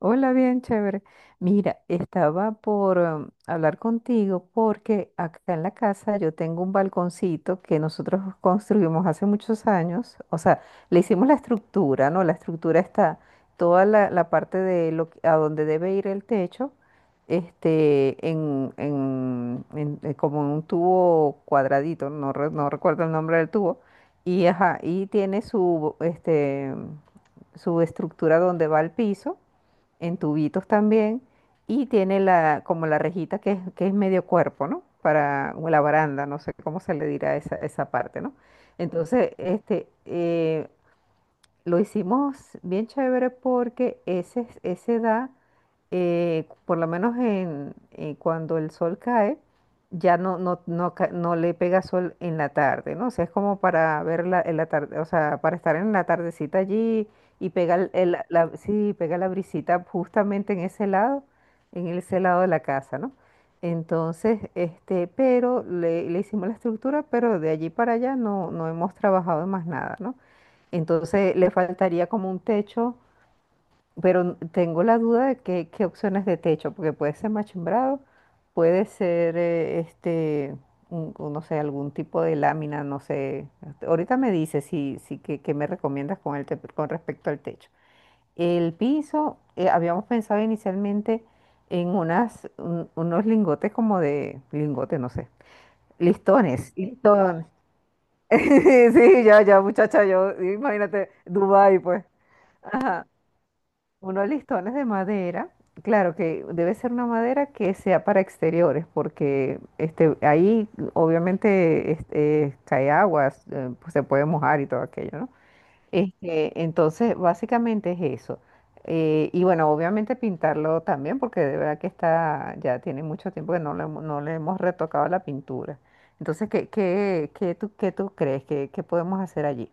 Hola, bien chévere. Mira, estaba por hablar contigo porque acá en la casa yo tengo un balconcito que nosotros construimos hace muchos años. O sea, le hicimos la estructura, ¿no? La estructura está toda la parte de a donde debe ir el techo, como en un tubo cuadradito, no, no recuerdo el nombre del tubo. Y, ajá, y tiene su, su estructura donde va el piso en tubitos también, y tiene la, como la rejita que es medio cuerpo, ¿no? Para o la baranda, no sé cómo se le dirá esa, esa parte, ¿no? Entonces, este, eh, lo hicimos bien chévere porque ese da, por lo menos cuando el sol cae, ya no le pega sol en la tarde, ¿no? O sea, es como para ver la, en la tarde, o sea, para estar en la tardecita allí y pegar sí, pega la brisita justamente en ese lado de la casa, ¿no? Entonces, pero le hicimos la estructura, pero de allí para allá no, no hemos trabajado en más nada, ¿no? Entonces le faltaría como un techo, pero tengo la duda de qué, qué opciones de techo, porque puede ser machimbrado, puede ser no sé, algún tipo de lámina, no sé. Ahorita me dice si, si qué, qué me recomiendas con con respecto al techo. El piso, habíamos pensado inicialmente en unas, unos lingotes como de, lingotes, no sé, listones, listones. Sí, ya, ya, muchacha, yo, imagínate, Dubái, pues. Ajá. Unos listones de madera, claro que debe ser una madera que sea para exteriores, porque ahí obviamente cae agua, pues se puede mojar y todo aquello, ¿no? Entonces, básicamente es eso. Y bueno, obviamente pintarlo también, porque de verdad que está, ya tiene mucho tiempo que no le hemos retocado la pintura. Entonces, ¿qué, qué, qué tú crees que podemos hacer allí?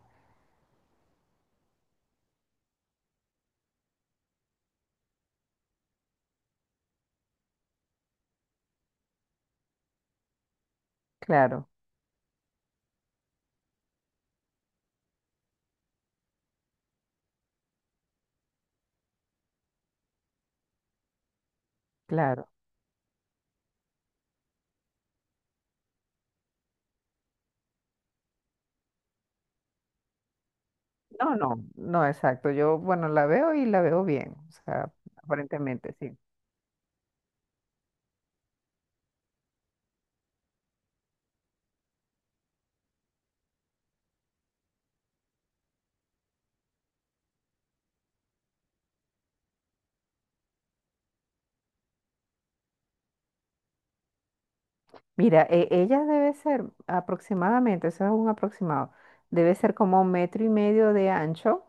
Claro, claro. No, no, no, exacto. Yo, bueno, la veo y la veo bien. O sea, aparentemente, sí. Mira, ella debe ser aproximadamente, eso es un aproximado, debe ser como un metro y medio de ancho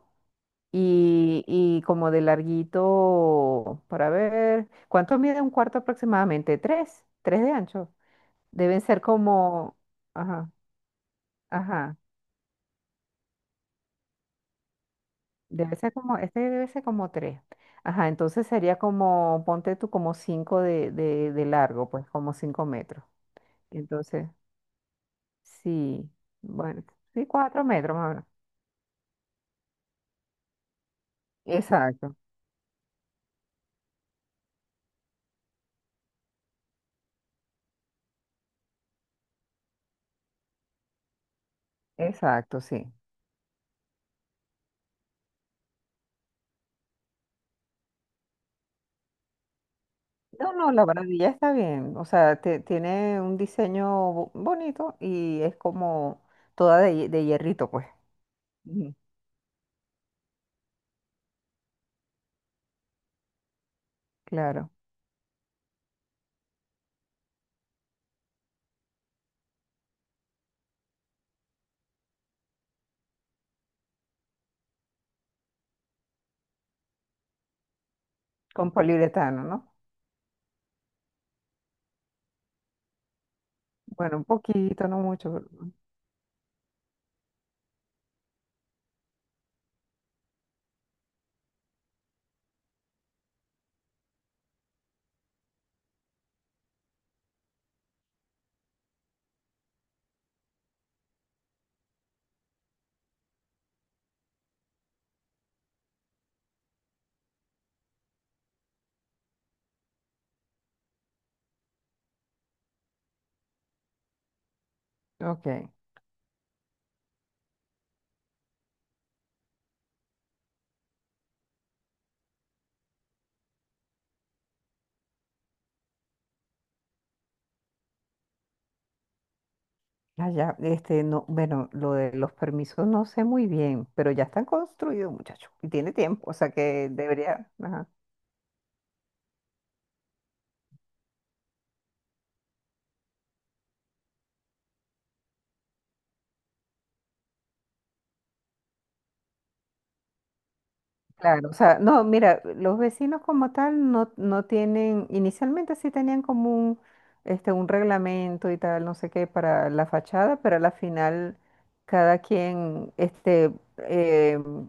y como de larguito, para ver, ¿cuánto mide un cuarto aproximadamente? Tres, tres de ancho. Deben ser como, ajá, ajá. Debe ser como, este debe ser como tres. Ajá, entonces sería como, ponte tú como cinco de largo, pues como cinco metros. Entonces, sí, bueno, sí, cuatro metros más o menos. Exacto, exacto, sí. No, no, la barandilla está bien. O sea, tiene un diseño bonito y es como toda de, de hierrito, pues. Ujú, claro, con poliuretano, ¿no? Bueno, un poquito, no mucho, pero... Ok. Ah, ya, no, bueno, lo de los permisos no sé muy bien, pero ya están construidos, muchachos, y tiene tiempo, o sea que debería, ajá. Claro, o sea, no, mira, los vecinos como tal no, no tienen, inicialmente sí tenían como un, un reglamento y tal, no sé qué, para la fachada, pero a la final cada quien, em,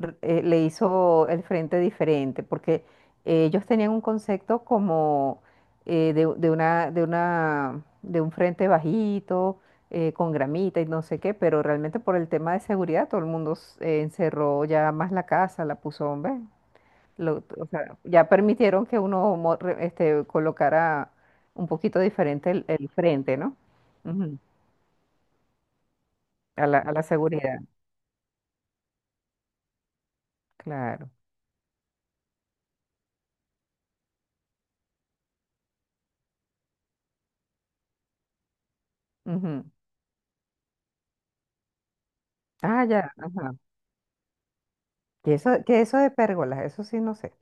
le hizo el frente diferente, porque ellos tenían un concepto como de, de un frente bajito, con gramita y no sé qué, pero realmente por el tema de seguridad todo el mundo encerró ya más la casa, la puso, ¿ves? O sea, ya permitieron que uno colocara un poquito diferente el frente, ¿no? Ujú. A la seguridad, claro. Ujú. Ah, ya, ajá. Qué eso de pérgolas? Eso sí, no sé.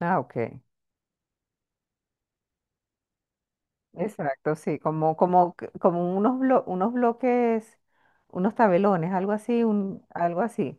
Ah, ok. Exacto, sí, como, como, como unos, unos bloques, unos tabelones, algo así, un, algo así.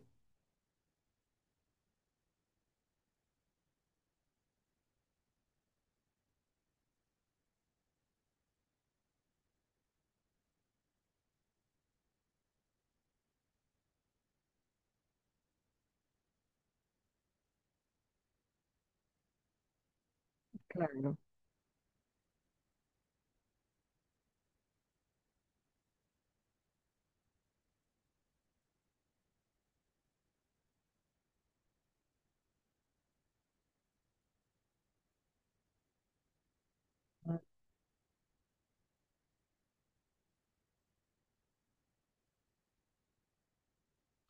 Claro. Mm,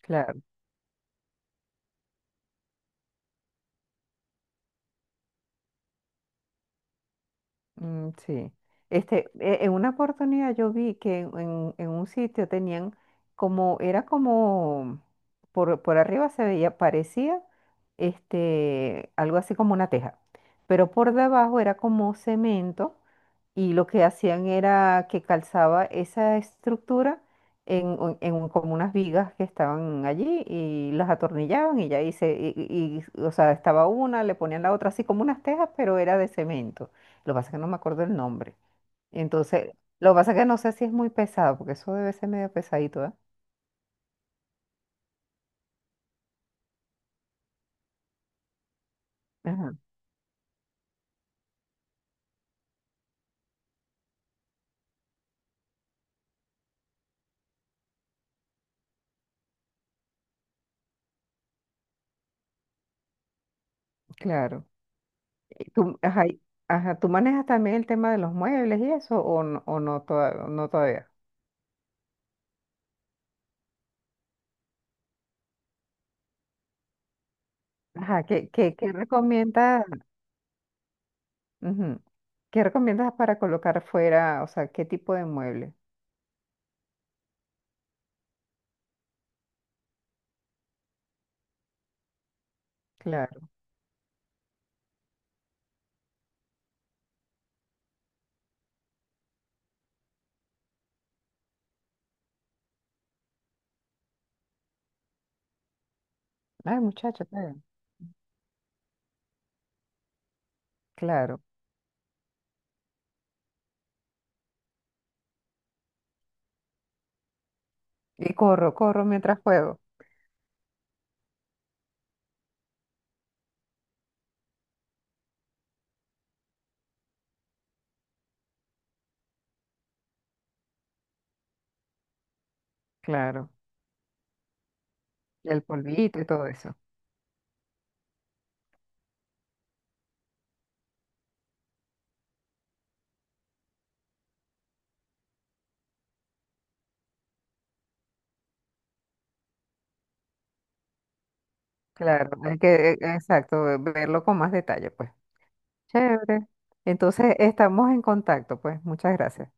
claro. Mm, sí. En una oportunidad yo vi que en, en un sitio tenían como, era como, por arriba se veía, parecía algo así como una teja, pero por debajo era como cemento y lo que hacían era que calzaba esa estructura en, como unas vigas que estaban allí y las atornillaban y ya hice, o sea, estaba una, le ponían la otra así como unas tejas, pero era de cemento. Lo que pasa es que no me acuerdo el nombre. Entonces, lo que pasa es que no sé si es muy pesado, porque eso debe ser medio pesadito, ¿eh? Ajá, claro. Y tú, ajá, y... ajá, ¿tú manejas también el tema de los muebles y eso o no, no todavía? Ajá, ¿qué, qué, qué recomiendas? Ujú, ¿qué recomiendas para colocar fuera? O sea, ¿qué tipo de mueble? Claro. Ay, muchacho, está... Claro. Y corro, corro mientras puedo. Claro. Y el polvito y todo eso. Claro. Hay que, exacto, verlo con más detalle, pues. Chévere. Entonces, estamos en contacto, pues. Muchas gracias.